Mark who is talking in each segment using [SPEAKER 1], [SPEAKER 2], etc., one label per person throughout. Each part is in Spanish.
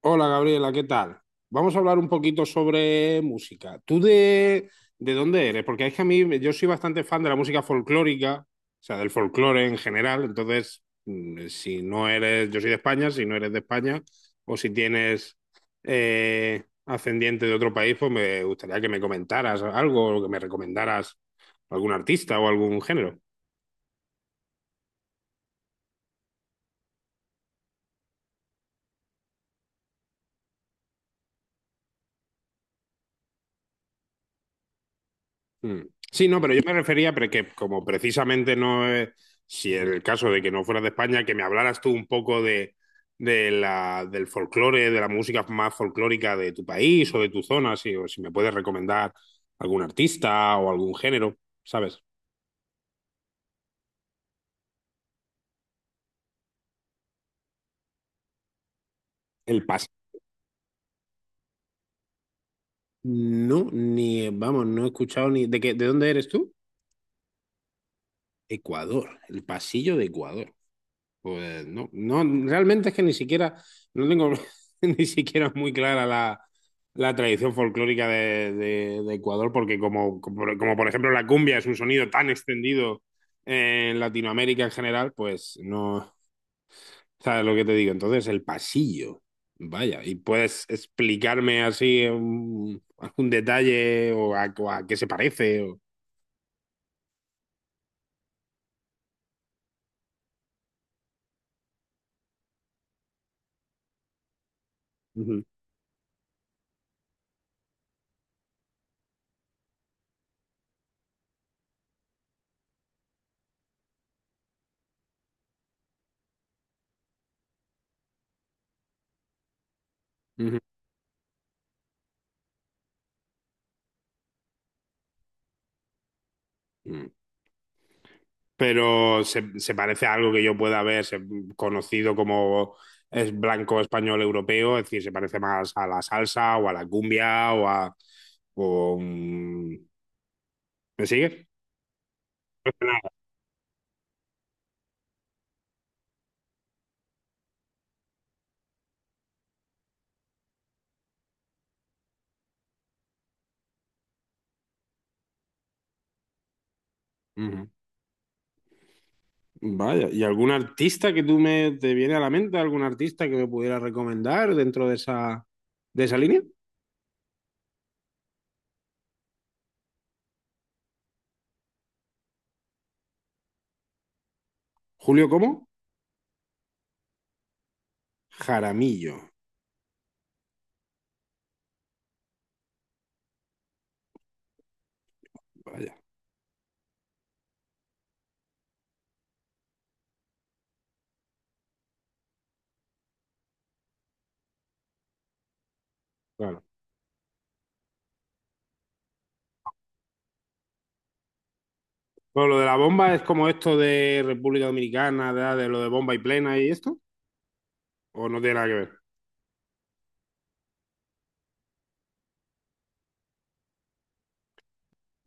[SPEAKER 1] Hola Gabriela, ¿qué tal? Vamos a hablar un poquito sobre música. ¿Tú de dónde eres? Porque es que a mí yo soy bastante fan de la música folclórica, o sea, del folclore en general. Entonces, si no eres, yo soy de España, si no eres de España, o si tienes ascendiente de otro país, pues me gustaría que me comentaras algo o que me recomendaras algún artista o algún género. Mm. Sí, no, pero yo me refería pero que como precisamente no es, si en el caso de que no fueras de España, que me hablaras tú un poco de la, del folclore, de la música más folclórica de tu país o de tu zona, si, o si me puedes recomendar algún artista o algún género, ¿sabes? El paso. No, ni, vamos, no he escuchado ni... ¿De qué, de dónde eres tú? Ecuador, el pasillo de Ecuador. Pues no, no, realmente es que ni siquiera, no tengo ni siquiera muy clara la, la tradición folclórica de, de Ecuador, porque como por ejemplo la cumbia es un sonido tan extendido en Latinoamérica en general, pues no, ¿sabes lo que te digo? Entonces el pasillo, vaya, ¿y puedes explicarme así un- algún detalle o a qué se parece? O... Ujú, ujú. Pero se parece a algo que yo pueda haber se- conocido como es blanco español europeo, es decir, se parece más a la salsa o a la cumbia o a... o, ¿me sigues? Ujú. Vaya, ¿y algún artista que tú me te viene a la mente, algún artista que me pudiera recomendar dentro de esa línea? Julio, ¿cómo? Jaramillo. Vaya, claro. Bueno, lo de la bomba es como esto de República Dominicana, de lo de bomba y plena y esto, ¿o no tiene nada que ver?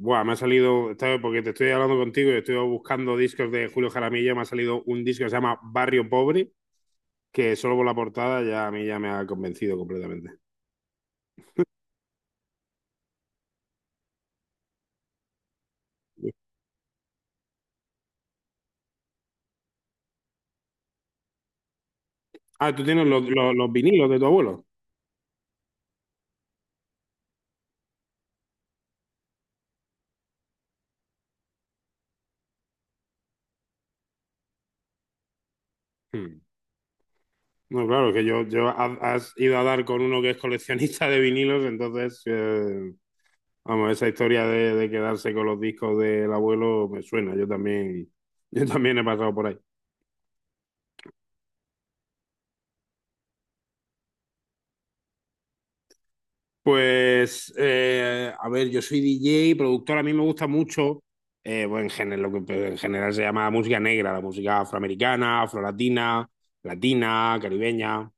[SPEAKER 1] Buah, me ha salido, ¿sabes? Porque te estoy hablando contigo y estoy buscando discos de Julio Jaramillo. Me ha salido un disco que se llama Barrio Pobre, que solo por la portada ya a mí ya me ha convencido completamente. Ah, tú tienes los, los vinilos de tu abuelo. Hmm. No, claro, que yo ha- has ido a dar con uno que es coleccionista de vinilos, entonces, vamos, esa historia de quedarse con los discos del abuelo me suena. Yo también he pasado por ahí. Pues, a ver, yo soy DJ, productor, a mí me gusta mucho, bueno, en general, lo que en general se llama música negra, la música afroamericana, afrolatina, latina, caribeña,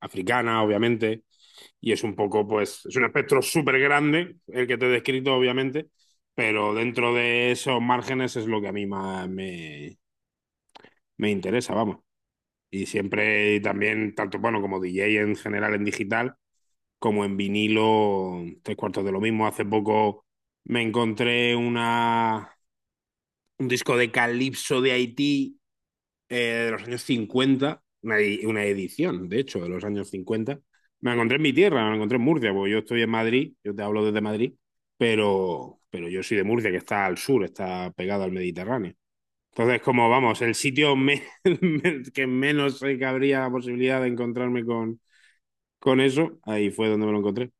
[SPEAKER 1] africana, obviamente, y es un poco, pues, es un espectro súper grande, el que te he descrito, obviamente, pero dentro de esos márgenes es lo que a mí más me, me interesa, vamos. Y siempre también, tanto bueno como DJ en general en digital, como en vinilo, tres cuartos de lo mismo. Hace poco me encontré una, un disco de Calypso de Haití de los años 50 una, edi- una edición, de hecho, de los años cincuenta. Me la encontré en mi tierra, me la encontré en Murcia, porque yo estoy en Madrid, yo te hablo desde Madrid, pero yo soy de Murcia, que está al sur, está pegado al Mediterráneo. Entonces, como vamos, el sitio me- me- que menos sé que habría la posibilidad de encontrarme con eso, ahí fue donde me lo encontré.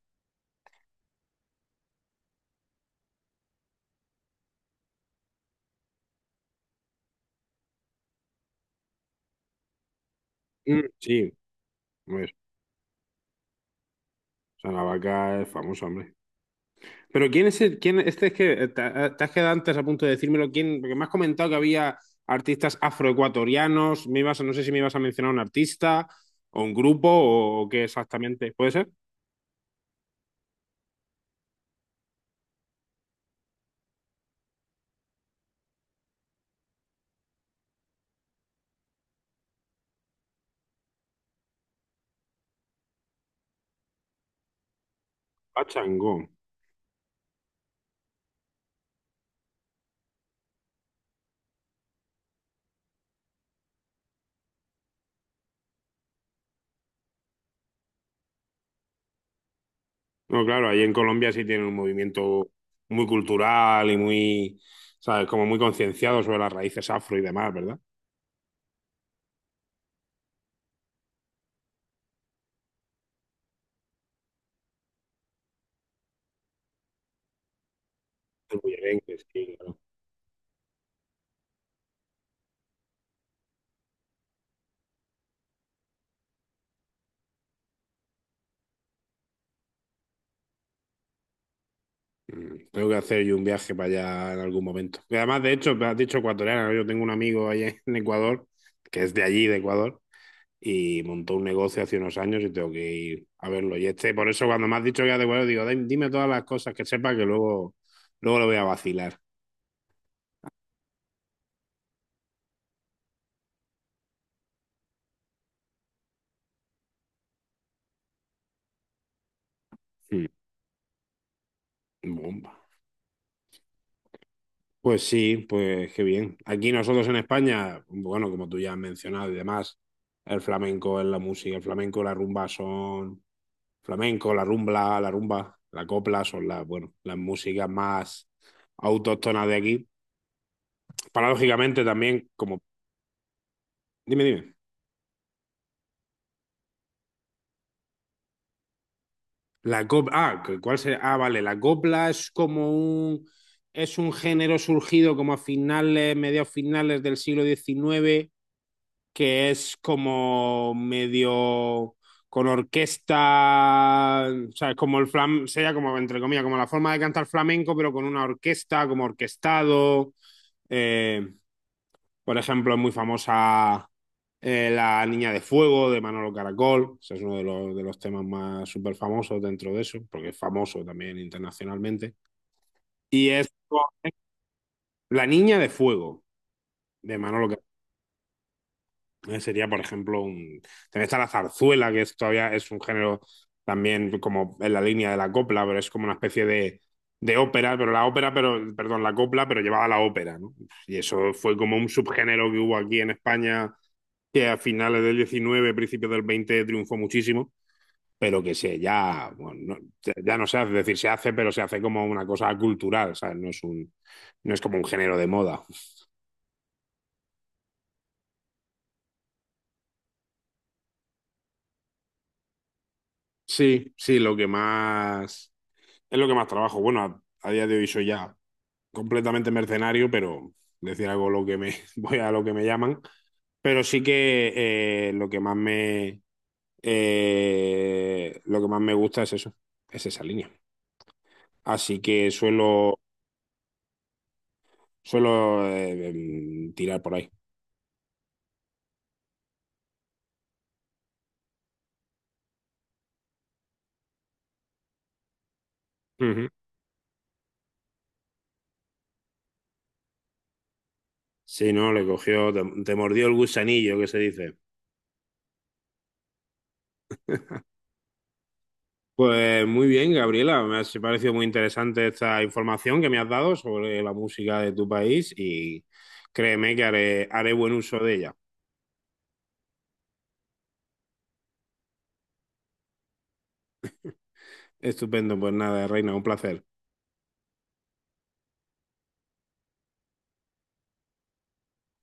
[SPEAKER 1] Mm, sí, pues, o sea, la vaca es famosa, hombre. Pero ¿quién es el, quién, este es que te has quedado antes a punto de decírmelo, quién, porque me has comentado que había artistas afroecuatorianos, me ibas, a- no sé si me ibas a mencionar un artista o un grupo o qué exactamente. ¿Puede ser? Pachangón. No, claro, ahí en Colombia sí tienen un movimiento muy cultural y muy, ¿sabes? Como muy concienciado sobre las raíces afro y demás, ¿verdad? El bullerengue, sí, claro. Mm, tengo que hacer yo un viaje para allá en algún momento. Y además, de hecho, me has dicho ecuatoriana ¿no? Yo tengo un amigo allá en Ecuador, que es de allí, de Ecuador, y montó un negocio hace unos años y tengo que ir a verlo. Y este, por eso cuando me has dicho que es de Ecuador, digo, "Dime- dime todas las cosas que sepa que luego, luego lo voy a vacilar". Mm, bomba. Pues sí, pues qué bien. Aquí nosotros en España, bueno, como tú ya has mencionado y demás, el flamenco es la música, el flamenco, la rumba son flamenco, la rumba, la rumba, la copla son las, bueno, las músicas más autóctonas de aquí. Paradójicamente también, como, dime, dime, la copla, ah, que- ¿cuál sería? Ah, vale, la copla es como un, es un género surgido como a finales, mediados finales del siglo diecinueve. Que es como medio con orquesta, o sea, es como el flam, sería como, entre comillas, como la forma de cantar flamenco, pero con una orquesta, como orquestado. Eh, por ejemplo, es muy famosa La Niña de Fuego de Manolo Caracol, ese es uno de los temas más súper famosos dentro de eso, porque es famoso también internacionalmente. Y es La Niña de Fuego de Manolo. Sería, por ejemplo, un... También está la zarzuela, que es, todavía es un género también como en la línea de la copla, pero es como una especie de ópera, pero la ópera, pero, perdón, la copla, pero llevada a la ópera, ¿no? Y eso fue como un subgénero que hubo aquí en España, que a finales del 19, principios del 20 triunfó muchísimo, pero que se ya, bueno, no, ya no se hace, es decir, se hace, pero se hace como una cosa cultural, ¿sabes? No es un, no es como un género de moda. Sí, sí, lo que más es lo que más trabajo. Bueno, a día de hoy soy ya completamente mercenario, pero decir algo lo que me voy a lo que me llaman. Pero sí que eh, lo que más me lo que más me gusta es eso, es esa línea. Así que suelo tirar por ahí. Ujú. Si no, le cogió, te mordió el gusanillo que se dice. Pues muy bien, Gabriela, me ha si, parecido muy interesante esta información que me has dado sobre la música de tu país y créeme que haré, haré buen uso de ella. Estupendo, pues nada, Reina, un placer.